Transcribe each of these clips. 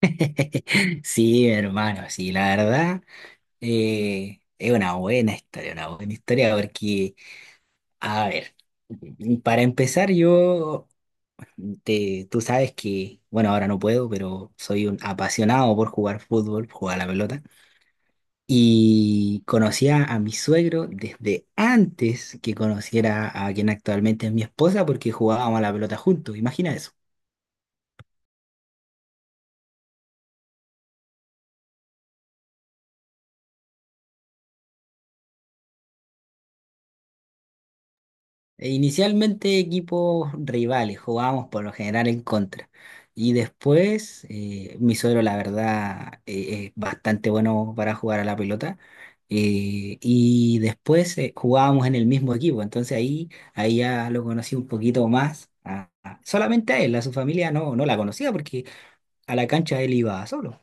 Sí, hermano, sí, la verdad es una buena historia porque, a ver, para empezar yo, tú sabes que, bueno, ahora no puedo, pero soy un apasionado por jugar fútbol, jugar a la pelota, y conocía a mi suegro desde antes que conociera a quien actualmente es mi esposa porque jugábamos a la pelota juntos, imagina eso. E inicialmente equipos rivales, jugábamos por lo general en contra. Y después, mi suegro, la verdad, es bastante bueno para jugar a la pelota. Y después jugábamos en el mismo equipo. Entonces ahí ya lo conocí un poquito más. Solamente a él, a su familia no, no la conocía porque a la cancha él iba solo.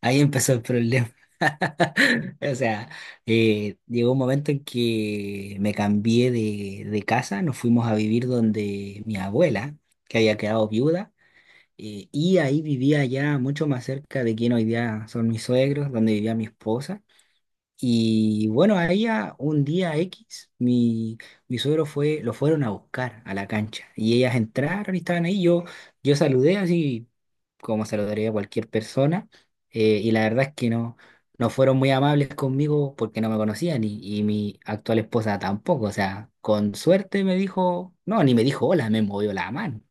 Ahí empezó el problema. O sea, llegó un momento en que me cambié de casa, nos fuimos a vivir donde mi abuela, que había quedado viuda, y ahí vivía ya mucho más cerca de quien hoy día son mis suegros, donde vivía mi esposa. Y bueno, ahí un día X, mi suegro fue, lo fueron a buscar a la cancha, y ellas entraron y estaban ahí, yo saludé así como se lo daría a cualquier persona, y la verdad es que no fueron muy amables conmigo porque no me conocían y mi actual esposa tampoco. O sea, con suerte me dijo, no, ni me dijo hola, me movió la mano.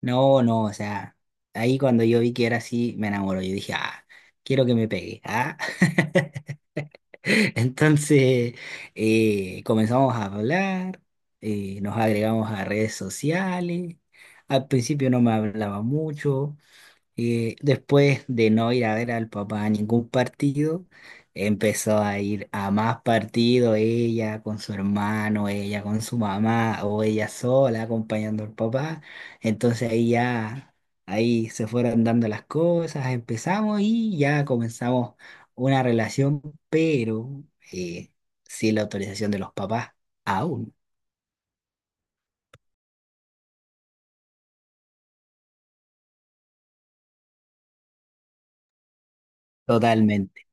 No, no, o sea, ahí cuando yo vi que era así, me enamoró. Yo dije, ah, quiero que me pegue, ah. Entonces, comenzamos a hablar, nos agregamos a redes sociales, al principio no me hablaba mucho. Y después de no ir a ver al papá a ningún partido, empezó a ir a más partidos, ella con su hermano, ella con su mamá o ella sola acompañando al papá. Entonces ahí ya, ahí se fueron dando las cosas, empezamos y ya comenzamos una relación, pero eh, sin la autorización de los papás, aún, totalmente.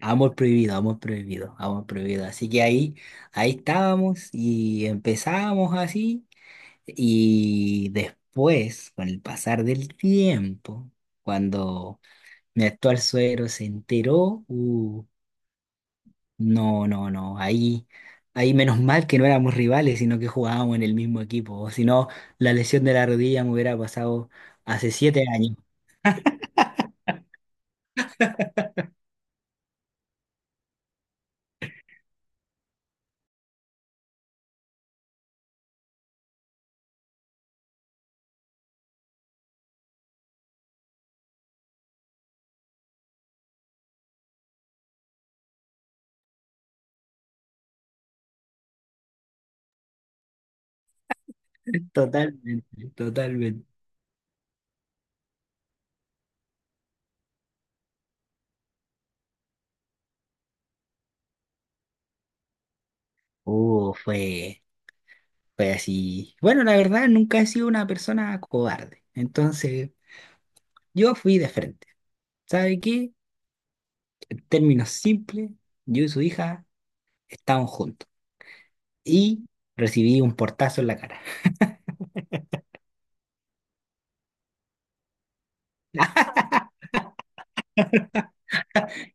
Amor prohibido, amor prohibido, amor prohibido. Así que ahí estábamos y empezábamos así. Y después, con el pasar del tiempo, cuando mi actual suegro se enteró, no, no, no, ahí menos mal que no éramos rivales, sino que jugábamos en el mismo equipo. O si no, la lesión de la rodilla me hubiera pasado hace 7 años. Totalmente, totalmente. Fue. Fue así. Bueno, la verdad, nunca he sido una persona cobarde. Entonces, yo fui de frente. ¿Sabe qué? En términos simples, yo y su hija estábamos juntos. Y recibí un portazo en la cara.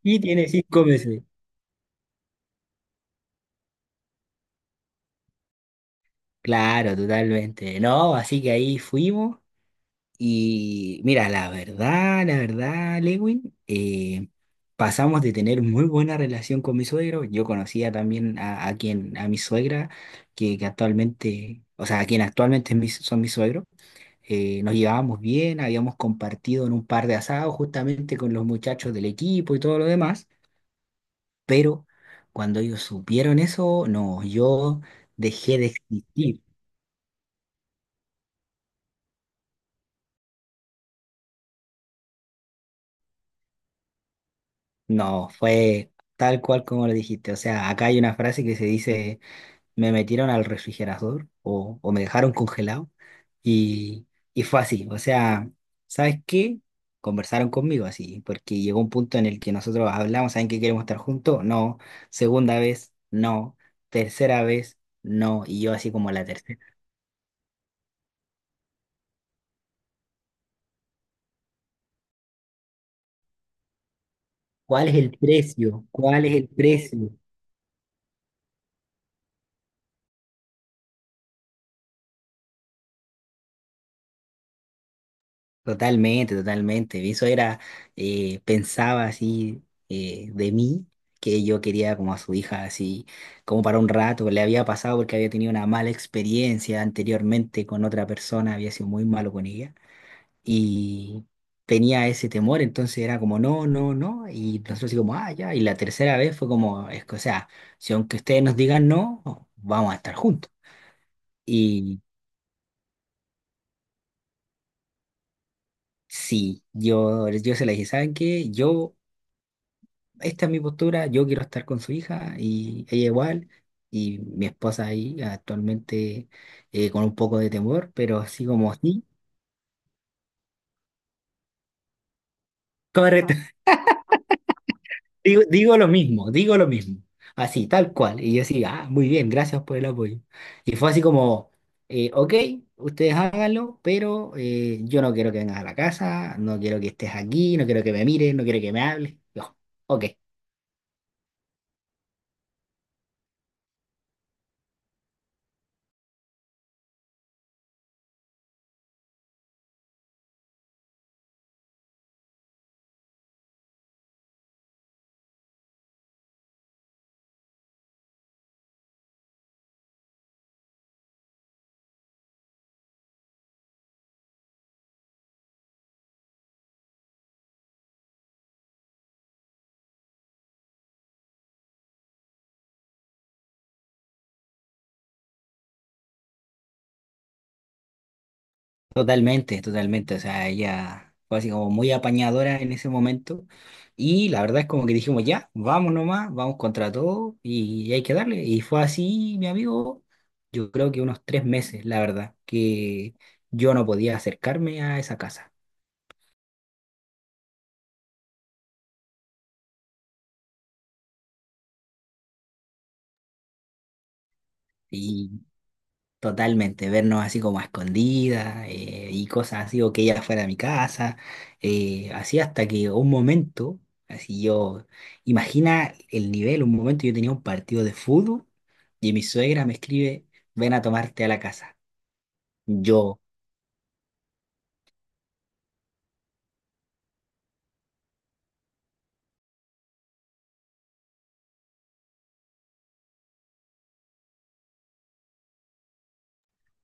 Y tiene 5 meses. Claro, totalmente. No, así que ahí fuimos. Y mira, la verdad, Lewin, pasamos de tener muy buena relación con mi suegro. Yo conocía también a quien, a mi suegra, que actualmente, o sea, a quien actualmente son mis suegros. Nos llevábamos bien, habíamos compartido en un par de asados justamente con los muchachos del equipo y todo lo demás. Pero cuando ellos supieron eso, no, yo dejé de existir. No, fue tal cual como lo dijiste. O sea, acá hay una frase que se dice. Me metieron al refrigerador o me dejaron congelado y, y fue así. O sea, ¿sabes qué? Conversaron conmigo así, porque llegó un punto en el que nosotros hablamos, ¿saben que queremos estar juntos? No. Segunda vez, no. Tercera vez, no. Y yo así como la tercera. ¿Cuál es el precio? ¿Cuál es el precio? Totalmente, totalmente. Eso era, pensaba así de mí, que yo quería como a su hija, así como para un rato. Le había pasado porque había tenido una mala experiencia anteriormente con otra persona, había sido muy malo con ella y tenía ese temor. Entonces era como, no, no, no, y nosotros así como, ah, ya, y la tercera vez fue como, es que, o sea, si aunque ustedes nos digan no, vamos a estar juntos. Y sí, yo se la dije, ¿saben qué? Yo... esta es mi postura, yo quiero estar con su hija y ella igual, y mi esposa ahí actualmente con un poco de temor, pero así como así, correcto. Digo, digo lo mismo, así, tal cual, y yo así, ah, muy bien, gracias por el apoyo. Y fue así como, ok, ustedes háganlo, pero yo no quiero que vengas a la casa, no quiero que estés aquí, no quiero que me mires, no quiero que me hables, yo, ok. Totalmente, totalmente. O sea, ella fue así como muy apañadora en ese momento. Y la verdad es como que dijimos, ya, vamos nomás, vamos contra todo y hay que darle. Y fue así, mi amigo, yo creo que unos 3 meses, la verdad, que yo no podía acercarme a esa casa. Totalmente, vernos así como a escondidas y cosas así, o que ella fuera a mi casa, así hasta que un momento, así yo, imagina el nivel, un momento yo tenía un partido de fútbol y mi suegra me escribe, ven a tomarte a la casa. Yo...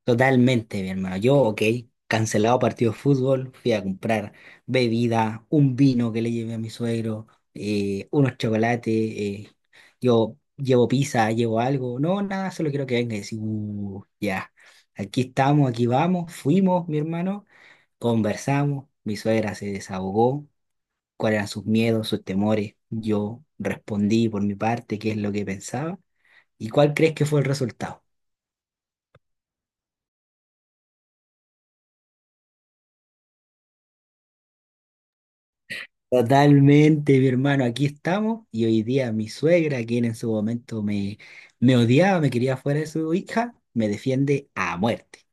Totalmente, mi hermano. Yo, ok, cancelado partido de fútbol, fui a comprar bebida, un vino que le llevé a mi suegro, unos chocolates, yo llevo pizza, llevo algo, no, nada, solo quiero que venga y decir, ya, aquí estamos, aquí vamos, fuimos, mi hermano, conversamos, mi suegra se desahogó, cuáles eran sus miedos, sus temores, yo respondí por mi parte qué es lo que pensaba y cuál crees que fue el resultado. Totalmente, mi hermano, aquí estamos y hoy día mi suegra, quien en su momento me odiaba, me quería fuera de su hija, me defiende a muerte.